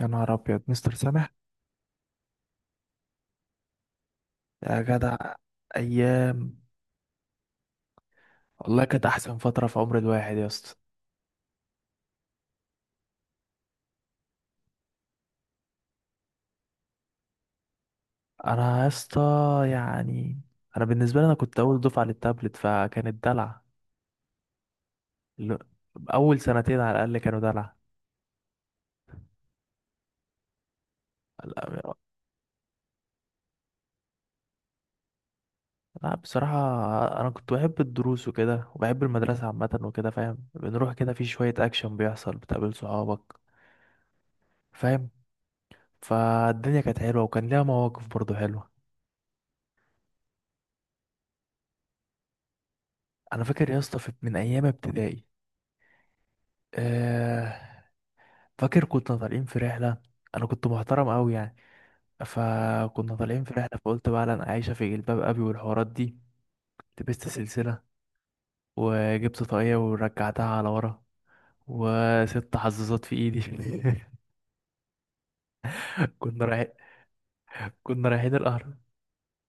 يا نهار ابيض، مستر سامح! يا جدع، ايام! والله كانت احسن فتره في عمر الواحد يا اسطى. يا اسطى، يعني انا بالنسبه لي، انا كنت اول دفعه للتابلت فكانت دلع. ال- اول سنتين على الاقل كانوا دلع. لا، لا، بصراحه. انا كنت بحب الدروس وكده وبحب المدرسه عامه وكده، فاهم؟ بنروح كده، في شويه اكشن بيحصل، بتقابل صحابك، فاهم؟ فالدنيا كانت حلوه وكان ليها مواقف برضو حلوه. انا فاكر يا اسطى من ايام ابتدائي. آه، فاكر كنا طالعين في رحلة. أنا كنت محترم أوي يعني. فكنا طالعين في رحلة فقلت بقى أنا عايشة في جلباب أبي والحوارات دي. لبست سلسلة وجبت طاقية ورجعتها على ورا، وست حظاظات في إيدي. كنا رايحين كنا رايحين الأهرام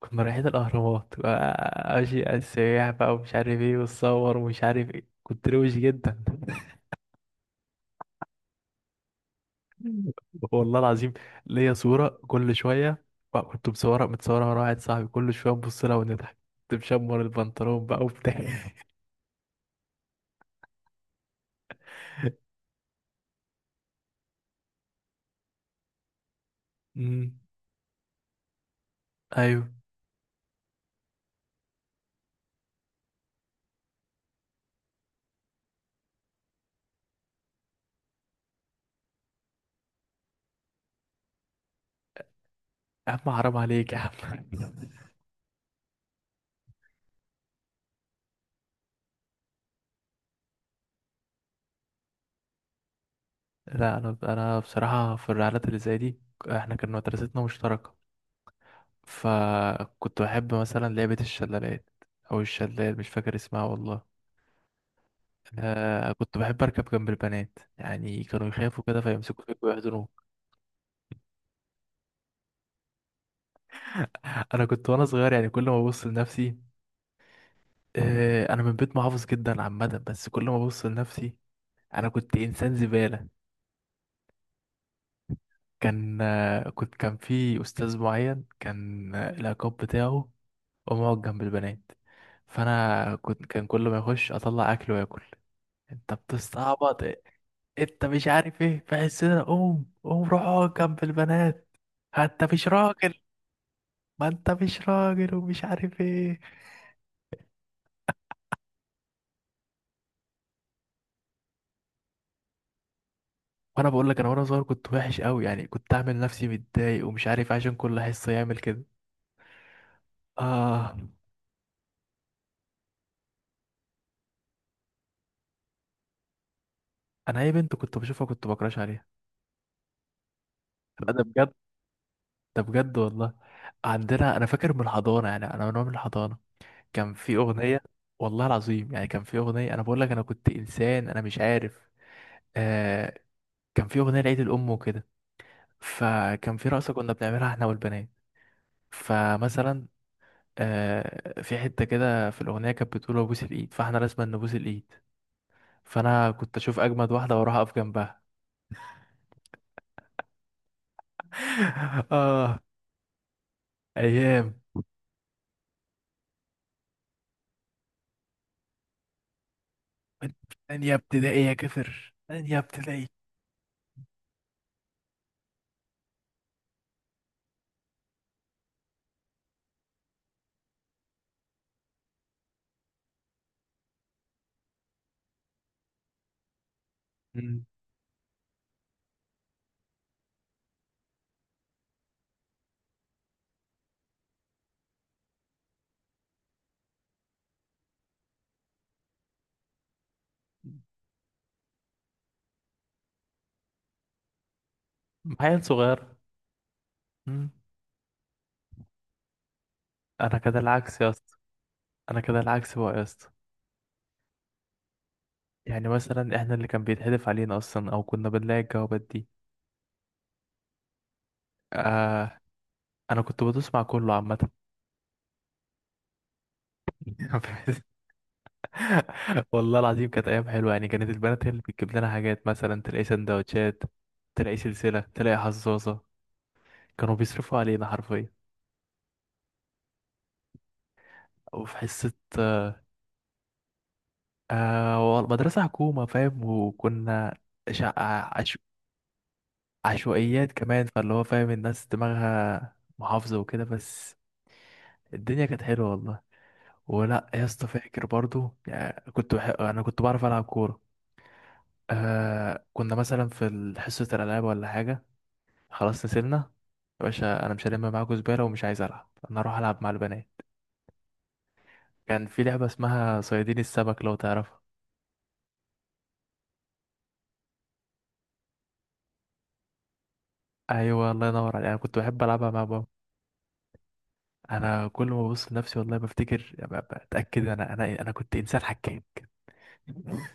كنا رايحين الأهرامات، ماشي على السياح بقى ومش عارف إيه وتصور ومش عارف إيه، كنت روش جدا. والله العظيم، ليا صورة كل شوية. بقى كنت متصورة مع واحد صاحبي، كل شوية نبص لها ونضحك. كنت مشمر البنطلون بقى وبتاع أمم، أيوه. يا عم حرام عليك يا عم لا، أنا بصراحة في الرحلات اللي زي دي، إحنا كان مدرستنا مشتركة. فكنت بحب مثلا لعبة الشلالات، أو الشلال، مش فاكر اسمها والله. آه، كنت بحب أركب جنب البنات، يعني كانوا يخافوا كده فيمسكوا فيك ويحضنوك. انا كنت وانا صغير يعني، كل ما ابص لنفسي، انا من بيت محافظ جدا عامه، بس كل ما ابص لنفسي انا كنت انسان زباله. كان آه، كنت كان في استاذ معين، كان العقاب بتاعه ومقعد جنب البنات، فانا كان كل ما يخش اطلع اكل واكل: انت بتستعبط إيه؟ انت مش عارف ايه في حسنا، قوم قوم روح اقعد جنب البنات، ها انت مش راجل، ما انت مش راجل ومش عارف ايه. وانا بقول لك، انا وانا صغير كنت وحش قوي يعني، كنت اعمل نفسي متضايق ومش عارف إيه عشان كل حصه يعمل كده. آه، أنا أي بنت كنت بشوفها كنت بكراش عليها. لا، ده بجد، ده بجد والله. عندنا، أنا فاكر من الحضانة، يعني أنا من وأنا من الحضانة كان في أغنية. والله العظيم يعني، كان في أغنية، أنا بقول لك أنا كنت إنسان، أنا مش عارف. آه كان في أغنية لعيد الأم وكده، فكان في رقصة كنا بنعملها إحنا والبنات. فمثلا، في حتة كده في الأغنية كانت بتقول أبوس الإيد، فإحنا لازم نبوس الإيد. فأنا كنت أشوف أجمد واحدة وأروح أقف جنبها. آه، أيام. تانية ابتدائي يا كفر، تانية ابتدائي. مم. عيل صغير. مم. انا كده العكس يا اسطى، انا كده العكس بقى يا اسطى. يعني مثلا احنا اللي كان بيتحدف علينا اصلا، او كنا بنلاقي الجوابات دي. آه. انا كنت بدوس مع كله عامه. والله العظيم كانت ايام حلوه، يعني كانت البنات هي اللي بتجيب لنا حاجات، مثلا تلاقي سندوتشات، تلاقي سلسله، تلاقي حظاظه. كانوا بيصرفوا علينا حرفيا. وفي حصه، مدرسه حكومه، فاهم؟ وكنا شقة عشوائيات كمان، فاللي هو فاهم، الناس دماغها محافظة وكده. بس الدنيا كانت حلوة والله. ولا يا اسطى، فاكر برضو يعني كنت انا كنت بعرف العب كورة. كنا مثلا في حصة الالعاب ولا حاجة، خلاص نزلنا. يا باشا انا مش هلم معاكوا زبالة ومش عايز العب، انا اروح العب مع البنات. كان في لعبة اسمها صيادين السمك لو تعرفها. ايوه، الله ينور عليك، انا كنت بحب العبها مع بابا. انا كل ما ببص لنفسي والله بفتكر يعني، بتاكد انا كنت انسان حكيم.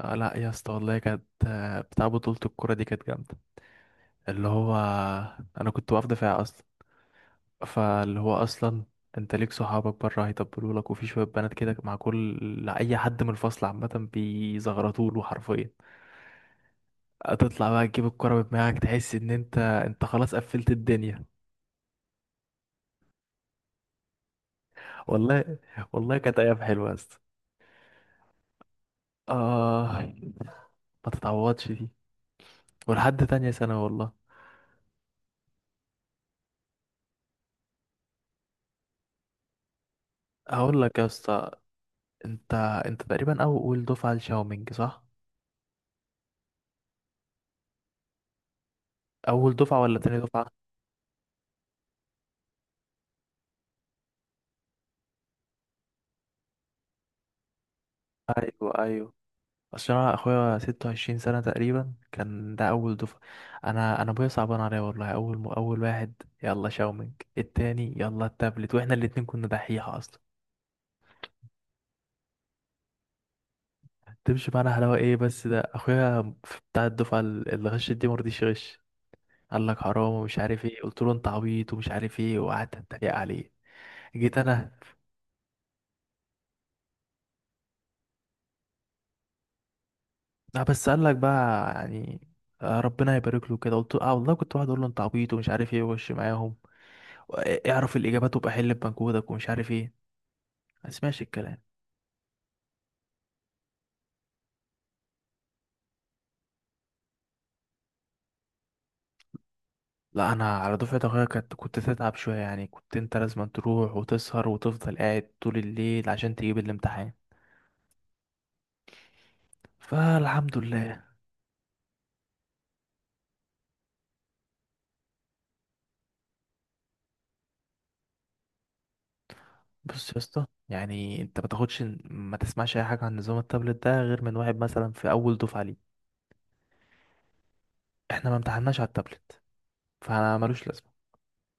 لا يا اسطى والله كانت، بتاع بطولة الكورة دي كانت جامدة. اللي هو، أنا كنت واقف دفاع أصلا، فاللي هو أصلا، أنت ليك صحابك بره هيطبلوا لك، وفي شوية بنات كده مع كل أي حد من الفصل عامة بيزغرطوا له حرفيا. هتطلع بقى تجيب الكورة بدماغك، تحس إن أنت خلاص قفلت الدنيا. والله، والله كانت أيام حلوة يا اسطى. آه، ما تتعوضش دي، ولحد تانية سنة والله. هقول لك يا اسطى، انت انت تقريبا اول دفعه لشاومينج، صح؟ اول دفعه ولا تاني دفعه؟ ايوه، ايوه. اصل انا اخويا 26 سنه تقريبا، كان ده اول دفعه. انا ابويا صعبان عليا والله. اول واحد يلا شاومينج، التاني يلا التابلت، واحنا الاتنين كنا دحيحه اصلا. تمشي معانا حلاوه ايه، بس ده اخويا بتاع الدفعه اللي غشت دي، مرضيش يغش. قال لك حرام ومش عارف ايه، قلت له انت عبيط ومش عارف ايه، وقعدت اتريق عليه. جيت انا، لا، بس قال لك بقى يعني، ربنا يبارك له كده. قلت له اه والله، كنت واحد اقول له انت عبيط ومش عارف ايه، وش معاهم، اعرف الاجابات وابقى حل بمجهودك ومش عارف ايه. ما اسمعش الكلام. لا، انا على دفعه اخويا، كنت تتعب شويه يعني، كنت انت لازم تروح وتسهر وتفضل قاعد طول الليل عشان تجيب الامتحان. فالحمد لله. بص يا اسطى، يعني انت ما تسمعش اي حاجه عن نظام التابلت ده غير من واحد مثلا في اول دفعه ليه. احنا ما امتحناش على التابلت، فانا ملوش لازمه.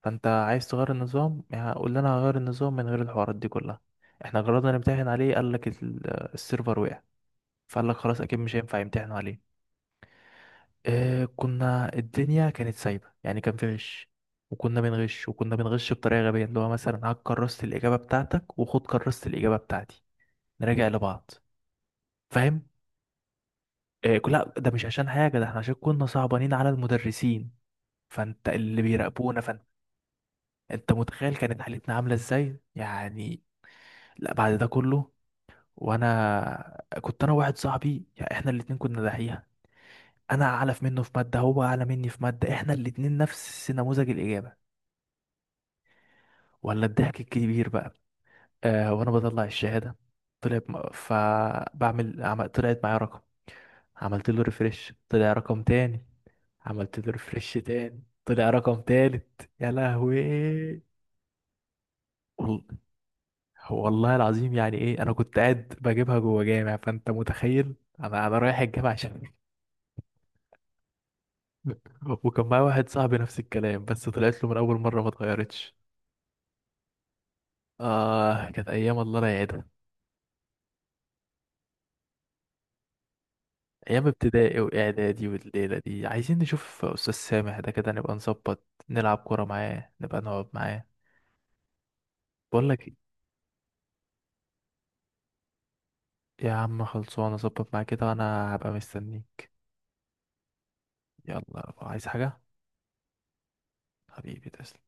فانت عايز تغير النظام يعني، قول لنا هغير النظام من غير الحوارات دي كلها. احنا جربنا نمتحن عليه، قال لك السيرفر وقع. فقال لك خلاص اكيد مش هينفع يمتحنوا عليه. كنا، الدنيا كانت سايبه يعني كان في غش، وكنا بنغش بطريقه غبيه، اللي هو مثلا هات كرست الاجابه بتاعتك وخد كرست الاجابه بتاعتي، نراجع لبعض، فاهم؟ لا ده مش عشان حاجه، ده احنا عشان كنا صعبانين على المدرسين، فانت اللي بيراقبونا، فانت، انت متخيل كانت حالتنا عامله ازاي يعني. لا، بعد ده كله، وانا كنت انا واحد صاحبي يعني احنا الاتنين كنا دحيحه. انا اعلى منه في ماده، هو اعلى مني في ماده، احنا الاتنين نفس نموذج الاجابه، ولا الضحك الكبير بقى. وانا بطلع الشهاده، طلعت معايا رقم، عملت له ريفرش طلع رقم تاني، عملت له ريفرش تاني طلع رقم تالت، يا لهوي. وال- والله العظيم يعني ايه، انا كنت قاعد بجيبها جوه جامع، فانت متخيل، انا رايح الجامع عشان وكان معايا واحد صاحبي نفس الكلام، بس طلعت له من اول مره ما اتغيرتش. آه، كانت أيام الله لا يعيدها. أيام ابتدائي وإعدادي، والليلة دي عايزين نشوف أستاذ سامح ده، كده نبقى نظبط نلعب كورة معاه، نبقى نقعد معاه. بقول لك إيه، يا عم خلصانة، أظبط معاه كده وأنا هبقى مستنيه. يلا، عايز حاجة؟ حبيبي، تسلم.